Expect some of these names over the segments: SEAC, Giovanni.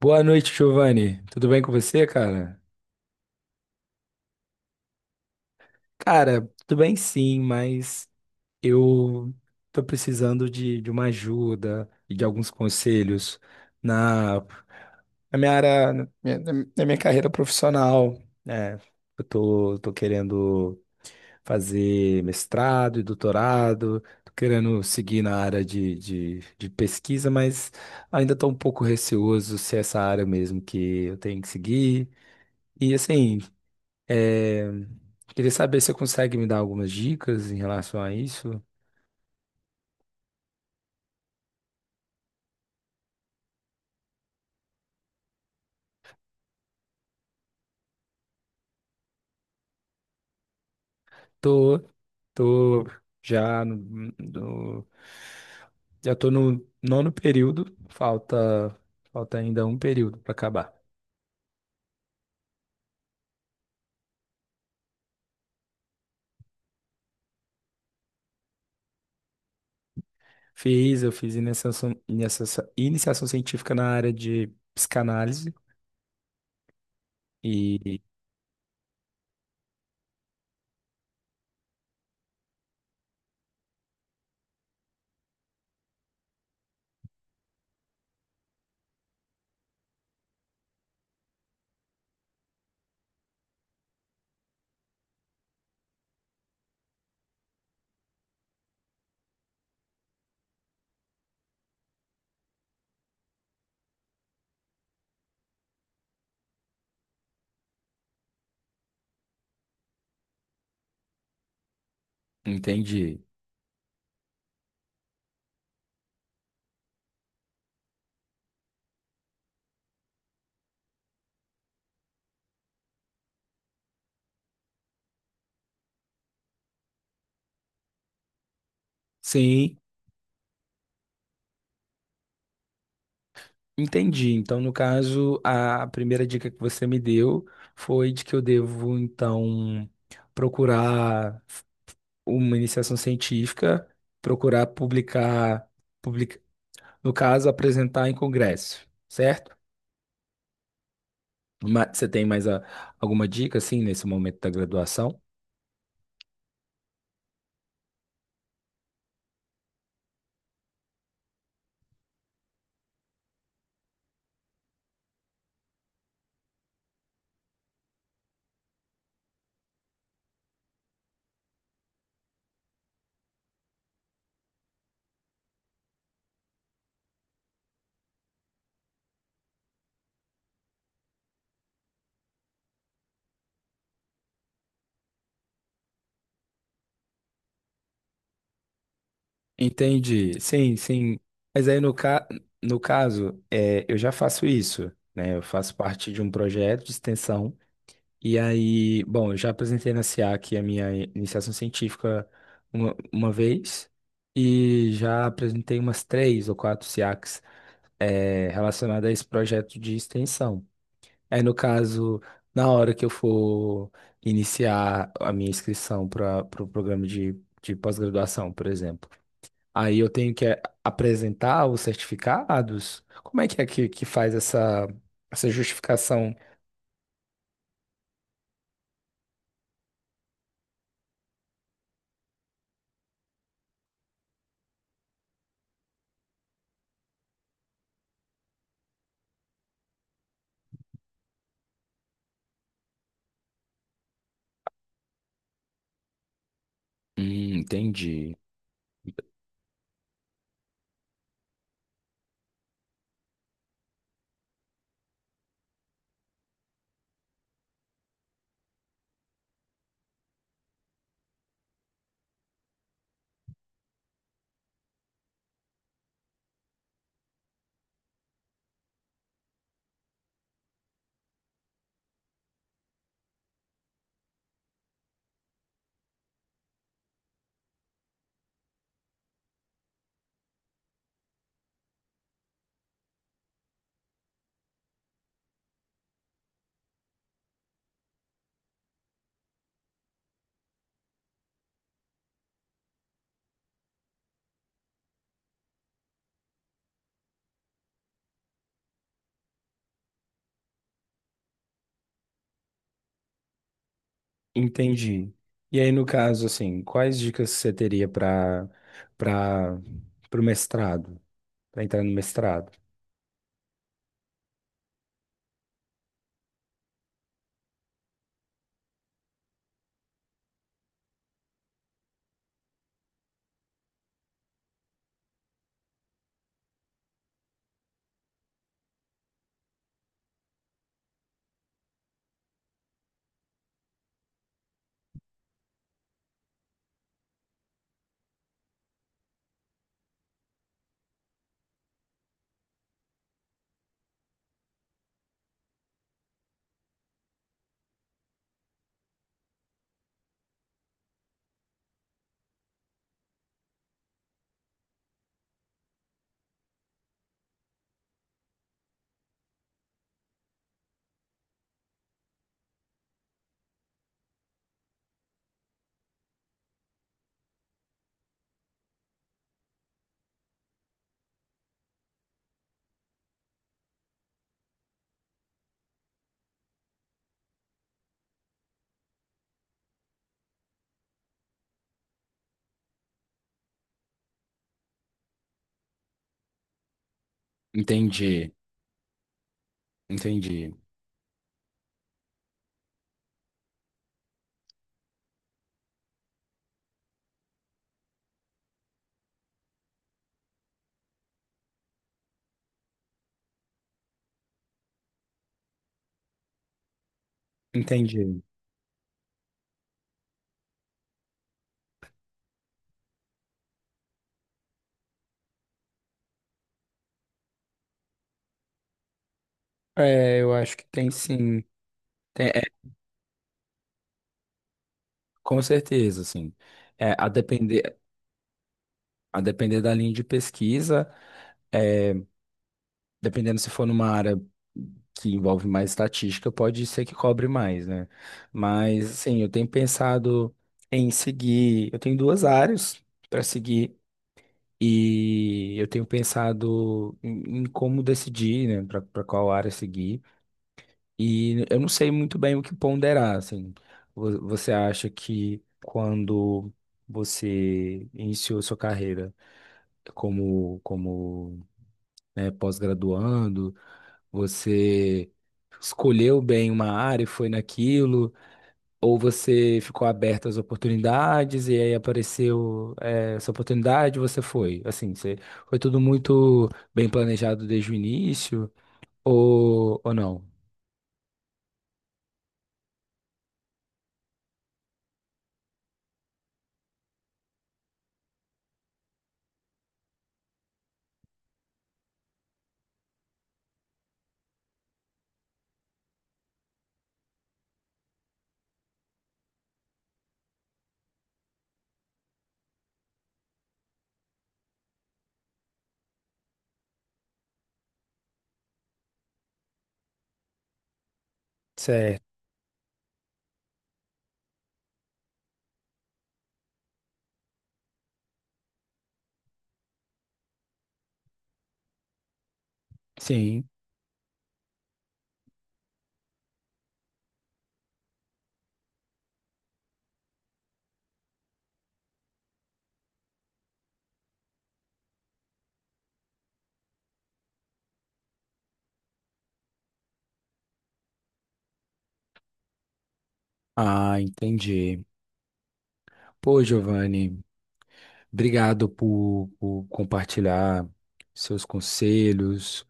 Boa noite, Giovanni. Tudo bem com você, cara? Cara, tudo bem sim, mas eu tô precisando de uma ajuda e de alguns conselhos na, na minha área, na minha carreira profissional, né? Eu tô querendo fazer mestrado e doutorado, tô querendo seguir na área de pesquisa, mas ainda tô um pouco receoso se é essa área mesmo que eu tenho que seguir. E assim. É, queria saber se você consegue me dar algumas dicas em relação a isso. Tô, tô já já tô no nono período, falta ainda um período para acabar. Fiz, eu fiz iniciação científica na área de psicanálise e entendi. Sim, entendi. Então, no caso, a primeira dica que você me deu foi de que eu devo, então, procurar uma iniciação científica, procurar publicar, public no caso, apresentar em congresso, certo? Você tem alguma dica, assim, nesse momento da graduação? Entendi, sim, sim. Mas aí, no caso, é, eu já faço isso, né? Eu faço parte de um projeto de extensão. E aí, bom, eu já apresentei na SEAC a minha iniciação científica uma vez e já apresentei umas três ou quatro SEACs relacionado a esse projeto de extensão. Aí, no caso, na hora que eu for iniciar a minha inscrição para o programa de pós-graduação, por exemplo, aí eu tenho que apresentar os certificados? Como é que é que faz essa justificação? Entendi. Entendi. E aí, no caso, assim, quais dicas você teria para o mestrado, para entrar no mestrado? Entendi, entendi. Entendi. É, eu acho que tem sim. Tem, é, com certeza, assim. É, a depender da linha de pesquisa, é, dependendo se for numa área que envolve mais estatística, pode ser que cobre mais, né? Mas, assim, eu tenho pensado em seguir. Eu tenho duas áreas para seguir. E eu tenho pensado em como decidir, né, para qual área seguir. E eu não sei muito bem o que ponderar, assim. Você acha que quando você iniciou sua carreira como, como, né, pós-graduando, você escolheu bem uma área e foi naquilo, ou você ficou aberto às oportunidades e aí apareceu, essa oportunidade e você foi? Assim, você, foi tudo muito bem planejado desde o início, ou não? Certo. Sim. Ah, entendi. Pô, Giovanni, obrigado por compartilhar seus conselhos,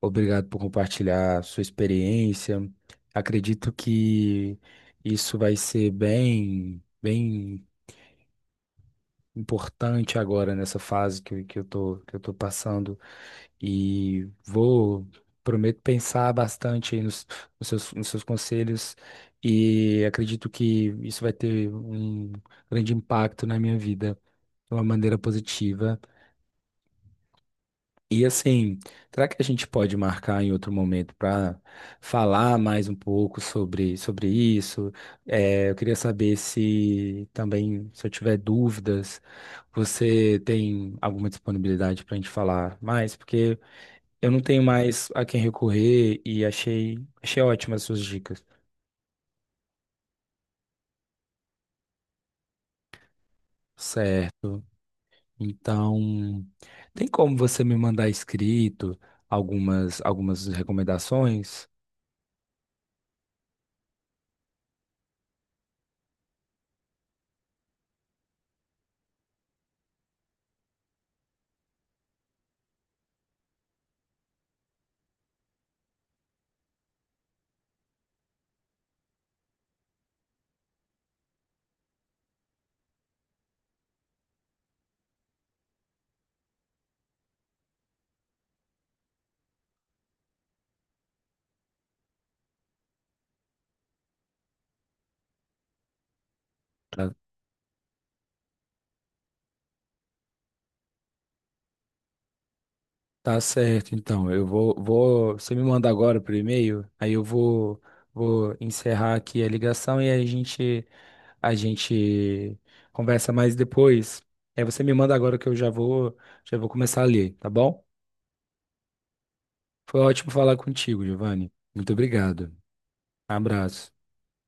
obrigado por compartilhar sua experiência. Acredito que isso vai ser bem importante agora nessa fase que eu tô passando. E vou, prometo pensar bastante aí nos, nos seus conselhos e acredito que isso vai ter um grande impacto na minha vida de uma maneira positiva. E assim, será que a gente pode marcar em outro momento para falar mais um pouco sobre isso? Eu queria saber se também, se eu tiver dúvidas, você tem alguma disponibilidade para a gente falar mais? Porque eu não tenho mais a quem recorrer e achei ótimas suas dicas. Certo. Então, tem como você me mandar escrito algumas recomendações? Tá, tá certo, então. Eu vou, vou. Você me manda agora por e-mail, aí eu vou, vou encerrar aqui a ligação e aí a gente conversa mais depois. Aí você me manda agora que eu já vou começar a ler, tá bom? Foi ótimo falar contigo, Giovanni. Muito obrigado. Abraço.